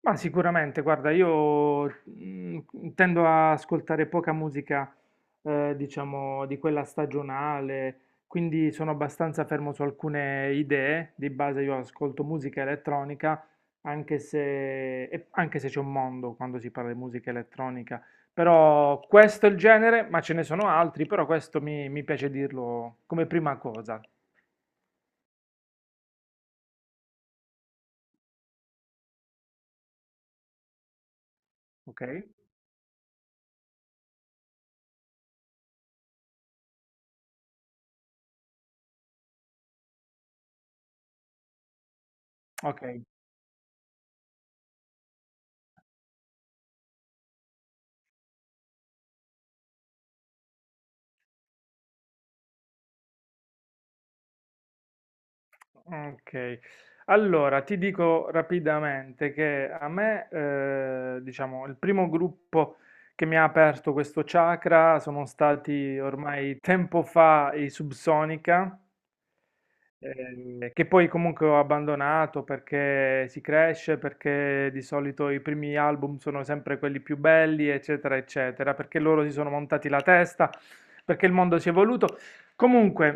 Ma sicuramente, guarda, io mm, tendo a ascoltare poca musica, diciamo, di quella stagionale, quindi sono abbastanza fermo su alcune idee. Di base io ascolto musica elettronica, anche se, e anche se c'è un mondo quando si parla di musica elettronica. Però questo è il genere, ma ce ne sono altri, però questo mi piace dirlo come prima cosa, ok? Ok. Ok, allora ti dico rapidamente che a me, diciamo, il primo gruppo che mi ha aperto questo chakra sono stati ormai tempo fa i Subsonica, che poi comunque ho abbandonato perché si cresce, perché di solito i primi album sono sempre quelli più belli, eccetera, eccetera, perché loro si sono montati la testa, perché il mondo si è evoluto. Comunque,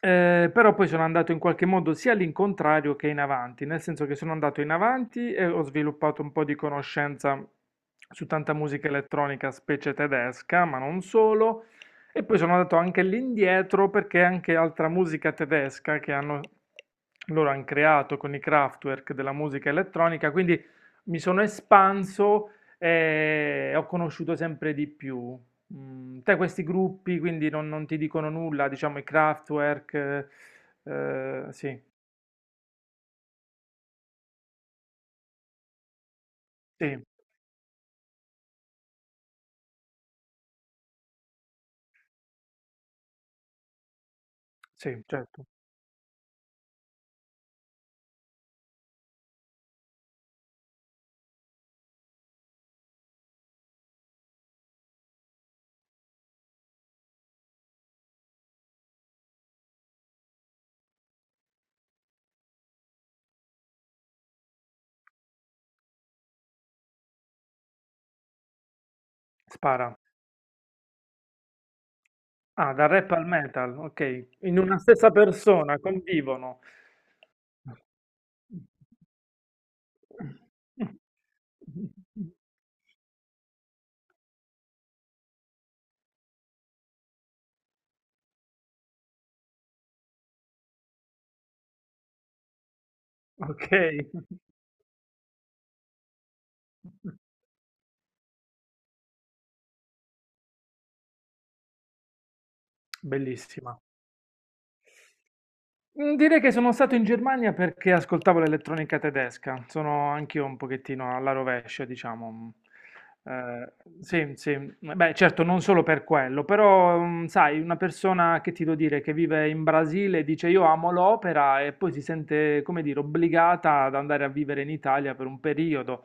però poi sono andato in qualche modo sia all'incontrario che in avanti, nel senso che sono andato in avanti e ho sviluppato un po' di conoscenza su tanta musica elettronica, specie tedesca, ma non solo. E poi sono andato anche lì indietro perché anche altra musica tedesca loro hanno creato con i Kraftwerk della musica elettronica, quindi mi sono espanso e ho conosciuto sempre di più. Te questi gruppi quindi non ti dicono nulla, diciamo i Kraftwerk, sì, sì, sì, certo, spara. Ah, dal rap al metal, ok, in una stessa persona convivono. Okay, bellissima. Mhmm, Direi che sono stato in Germania perché ascoltavo l'elettronica tedesca. Sono anch'io un pochettino alla rovescia, diciamo, ehm, sì, sì, beh, certo non solo per quello, però, sai, una persona che ti devo dire, che vive in Brasile dice: "Io amo l'opera" e poi si sente, come dire, obbligata ad andare a vivere in Italia per un periodo.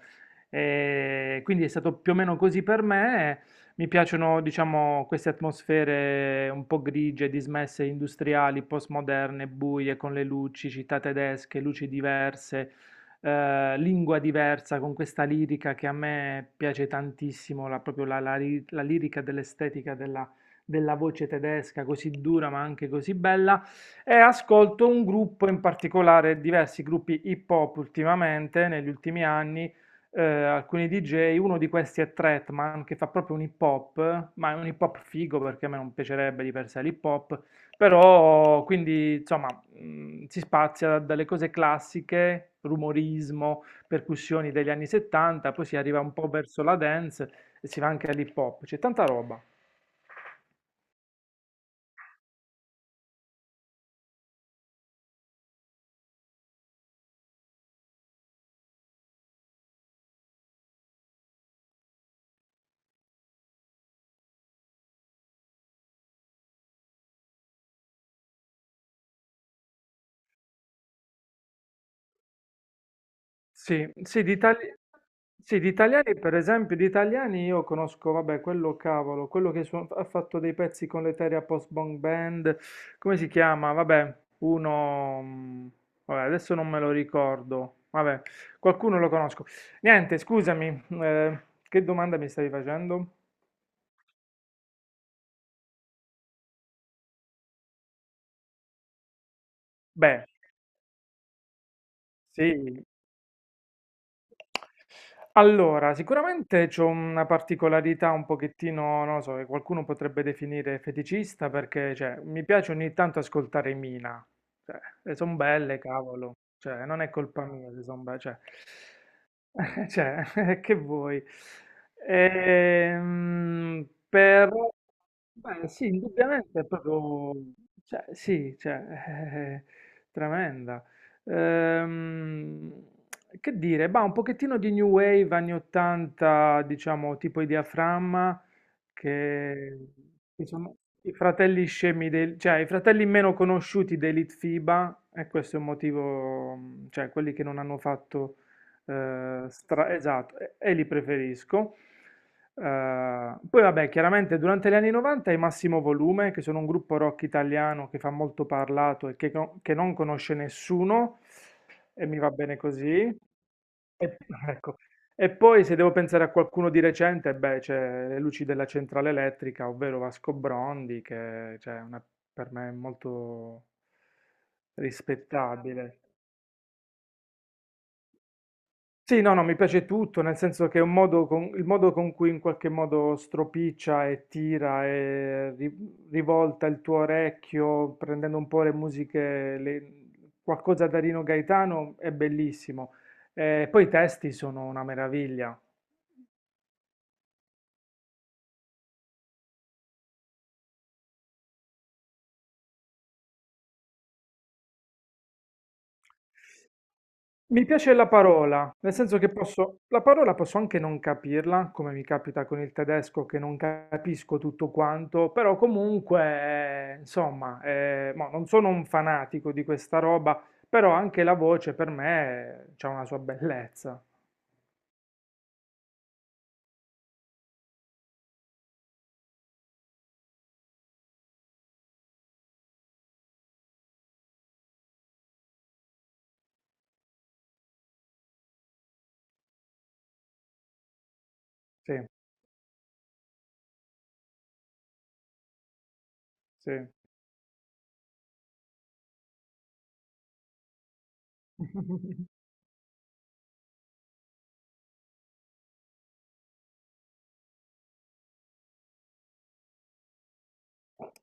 Quindi è stato più o meno così per me. Mi piacciono, diciamo, queste atmosfere un po' grigie, dismesse, industriali, postmoderne, buie, con le luci, città tedesche, luci diverse, lingua diversa, con questa lirica che a me piace tantissimo, la, proprio la, la ri- la lirica dell'estetica della voce tedesca, così dura ma anche così bella. E ascolto un gruppo in particolare, diversi gruppi hip hop ultimamente, negli ultimi anni, alcuni DJ, uno di questi è Tretman che fa proprio un hip hop, ma è un hip hop figo perché a me non piacerebbe di per sé l'hip hop, però quindi insomma, si spazia dalle cose classiche, rumorismo, percussioni degli anni 70, poi si arriva un po' verso la dance e si va anche all'hip hop, c'è tanta roba. Sì, sì, sì, di italiani, per esempio, di italiani io conosco, vabbè, quello cavolo, quello che ha fatto dei pezzi con l'Eteria Post Bang Band, come si chiama? Vabbè, uno, vabbè, adesso non me lo ricordo, vabbè, qualcuno lo conosco. Niente, scusami, che domanda mi stavi facendo? Beh, sì, allora, sicuramente c'ho una particolarità un pochettino, non lo so, che qualcuno potrebbe definire feticista perché, cioè, mi piace ogni tanto ascoltare Mina. Cioè, le son belle, cavolo. Cioè, non è colpa mia se son belle, cioè, cioè, che vuoi? Però, beh, sì, indubbiamente è proprio, cioè, sì, cioè, è tremenda. Ehm, che dire, bah, un pochettino di new wave anni 80, diciamo, tipo i Diaframma, che, che sono i fratelli scemi, cioè i fratelli meno conosciuti dei Litfiba, e questo è un motivo, cioè quelli che non hanno fatto, esatto, e li preferisco. Eh, poi vabbè, chiaramente durante gli anni 90 i Massimo Volume, che sono un gruppo rock italiano che fa molto parlato e che non conosce nessuno, e mi va bene così. Ecco. E poi se devo pensare a qualcuno di recente, beh, c'è Le luci della centrale elettrica, ovvero Vasco Brondi, che cioè, per me è molto rispettabile. Sì, no, no, mi piace tutto, nel senso che è il modo con cui in qualche modo stropiccia e tira e rivolta il tuo orecchio, prendendo un po' le musiche, qualcosa da Rino Gaetano, è bellissimo. Poi i testi sono una meraviglia. Mi piace la parola, nel senso che la parola posso anche non capirla, come mi capita con il tedesco che non capisco tutto quanto, però comunque, insomma, mo, non sono un fanatico di questa roba, però anche la voce per me ha una sua bellezza. Sì, sì.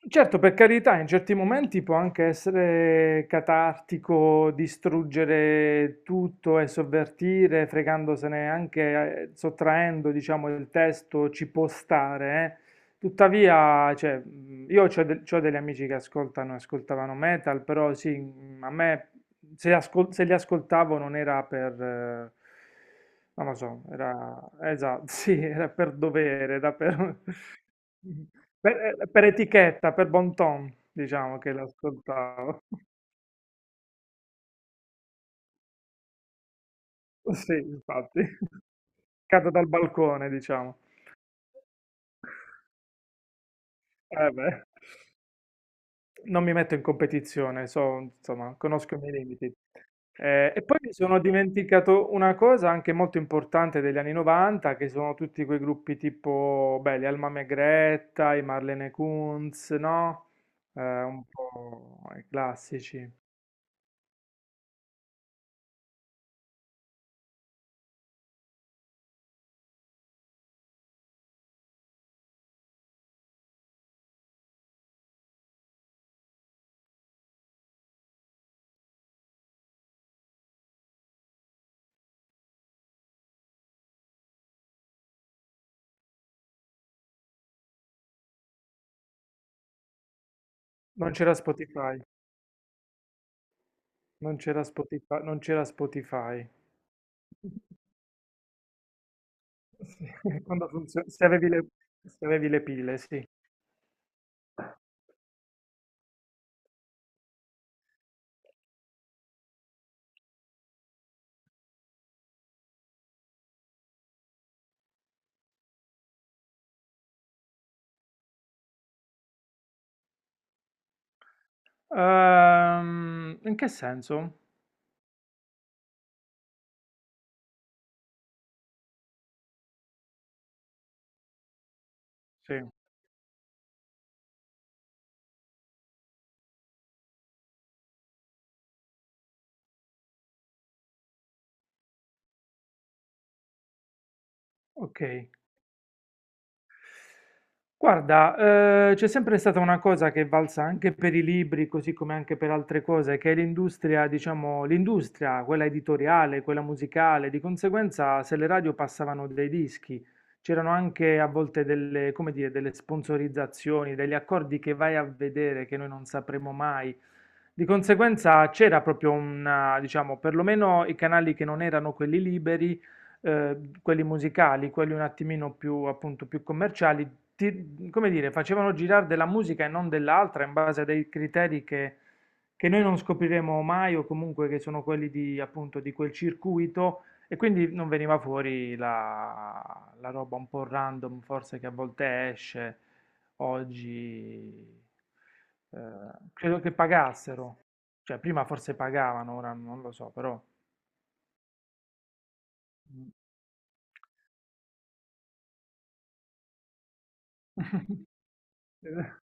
Certo, per carità, in certi momenti può anche essere catartico distruggere tutto e sovvertire, fregandosene anche, sottraendo, diciamo, il testo, ci può stare, eh. Tuttavia, cioè, io ho degli amici che ascoltano, ascoltavano metal, però sì, a me se li ascoltavo non era per, non lo so, era, esatto, sì, era per dovere, era per, per etichetta, per bon ton, diciamo che l'ascoltavo. Sì, infatti, cado dal balcone, diciamo. Eh beh. Non mi metto in competizione, so, insomma, conosco i miei limiti. E poi mi sono dimenticato una cosa anche molto importante degli anni 90, che sono tutti quei gruppi tipo, beh, gli Alma May Greta, i Marlene Kunz, no? Un po' i classici. Non c'era Spotify, non c'era Spotify, non c'era Spotify. Sì, quando funziona, se avevi le pile, sì. In che senso? Sì. Ok, guarda, c'è sempre stata una cosa che è valsa anche per i libri, così come anche per altre cose, che è l'industria, diciamo, l'industria, quella editoriale, quella musicale, di conseguenza se le radio passavano dei dischi, c'erano anche a volte delle, come dire, delle sponsorizzazioni, degli accordi che vai a vedere che noi non sapremo mai. Di conseguenza c'era proprio una, diciamo, perlomeno i canali che non erano quelli liberi, quelli musicali, quelli un attimino più, appunto, più commerciali, come dire, facevano girare della musica e non dell'altra in base a dei criteri che noi non scopriremo mai o comunque che sono quelli di, appunto, di quel circuito e quindi non veniva fuori la roba un po' random, forse che a volte esce oggi. Credo che pagassero, cioè prima forse pagavano, ora non lo so, però.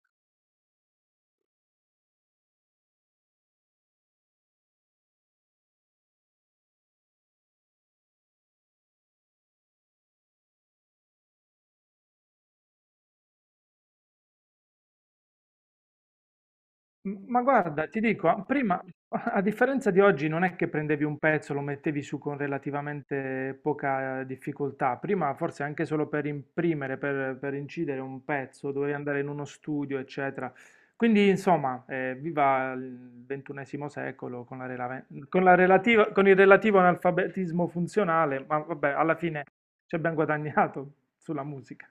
Ma guarda, ti dico, prima, a differenza di oggi, non è che prendevi un pezzo, lo mettevi su con relativamente poca, difficoltà. Prima, forse anche solo per imprimere, per incidere un pezzo, dovevi andare in uno studio, eccetera. Quindi, insomma, viva il 21º secolo con la rela- con la relativa- con il relativo analfabetismo funzionale, ma vabbè, alla fine ci abbiamo guadagnato sulla musica.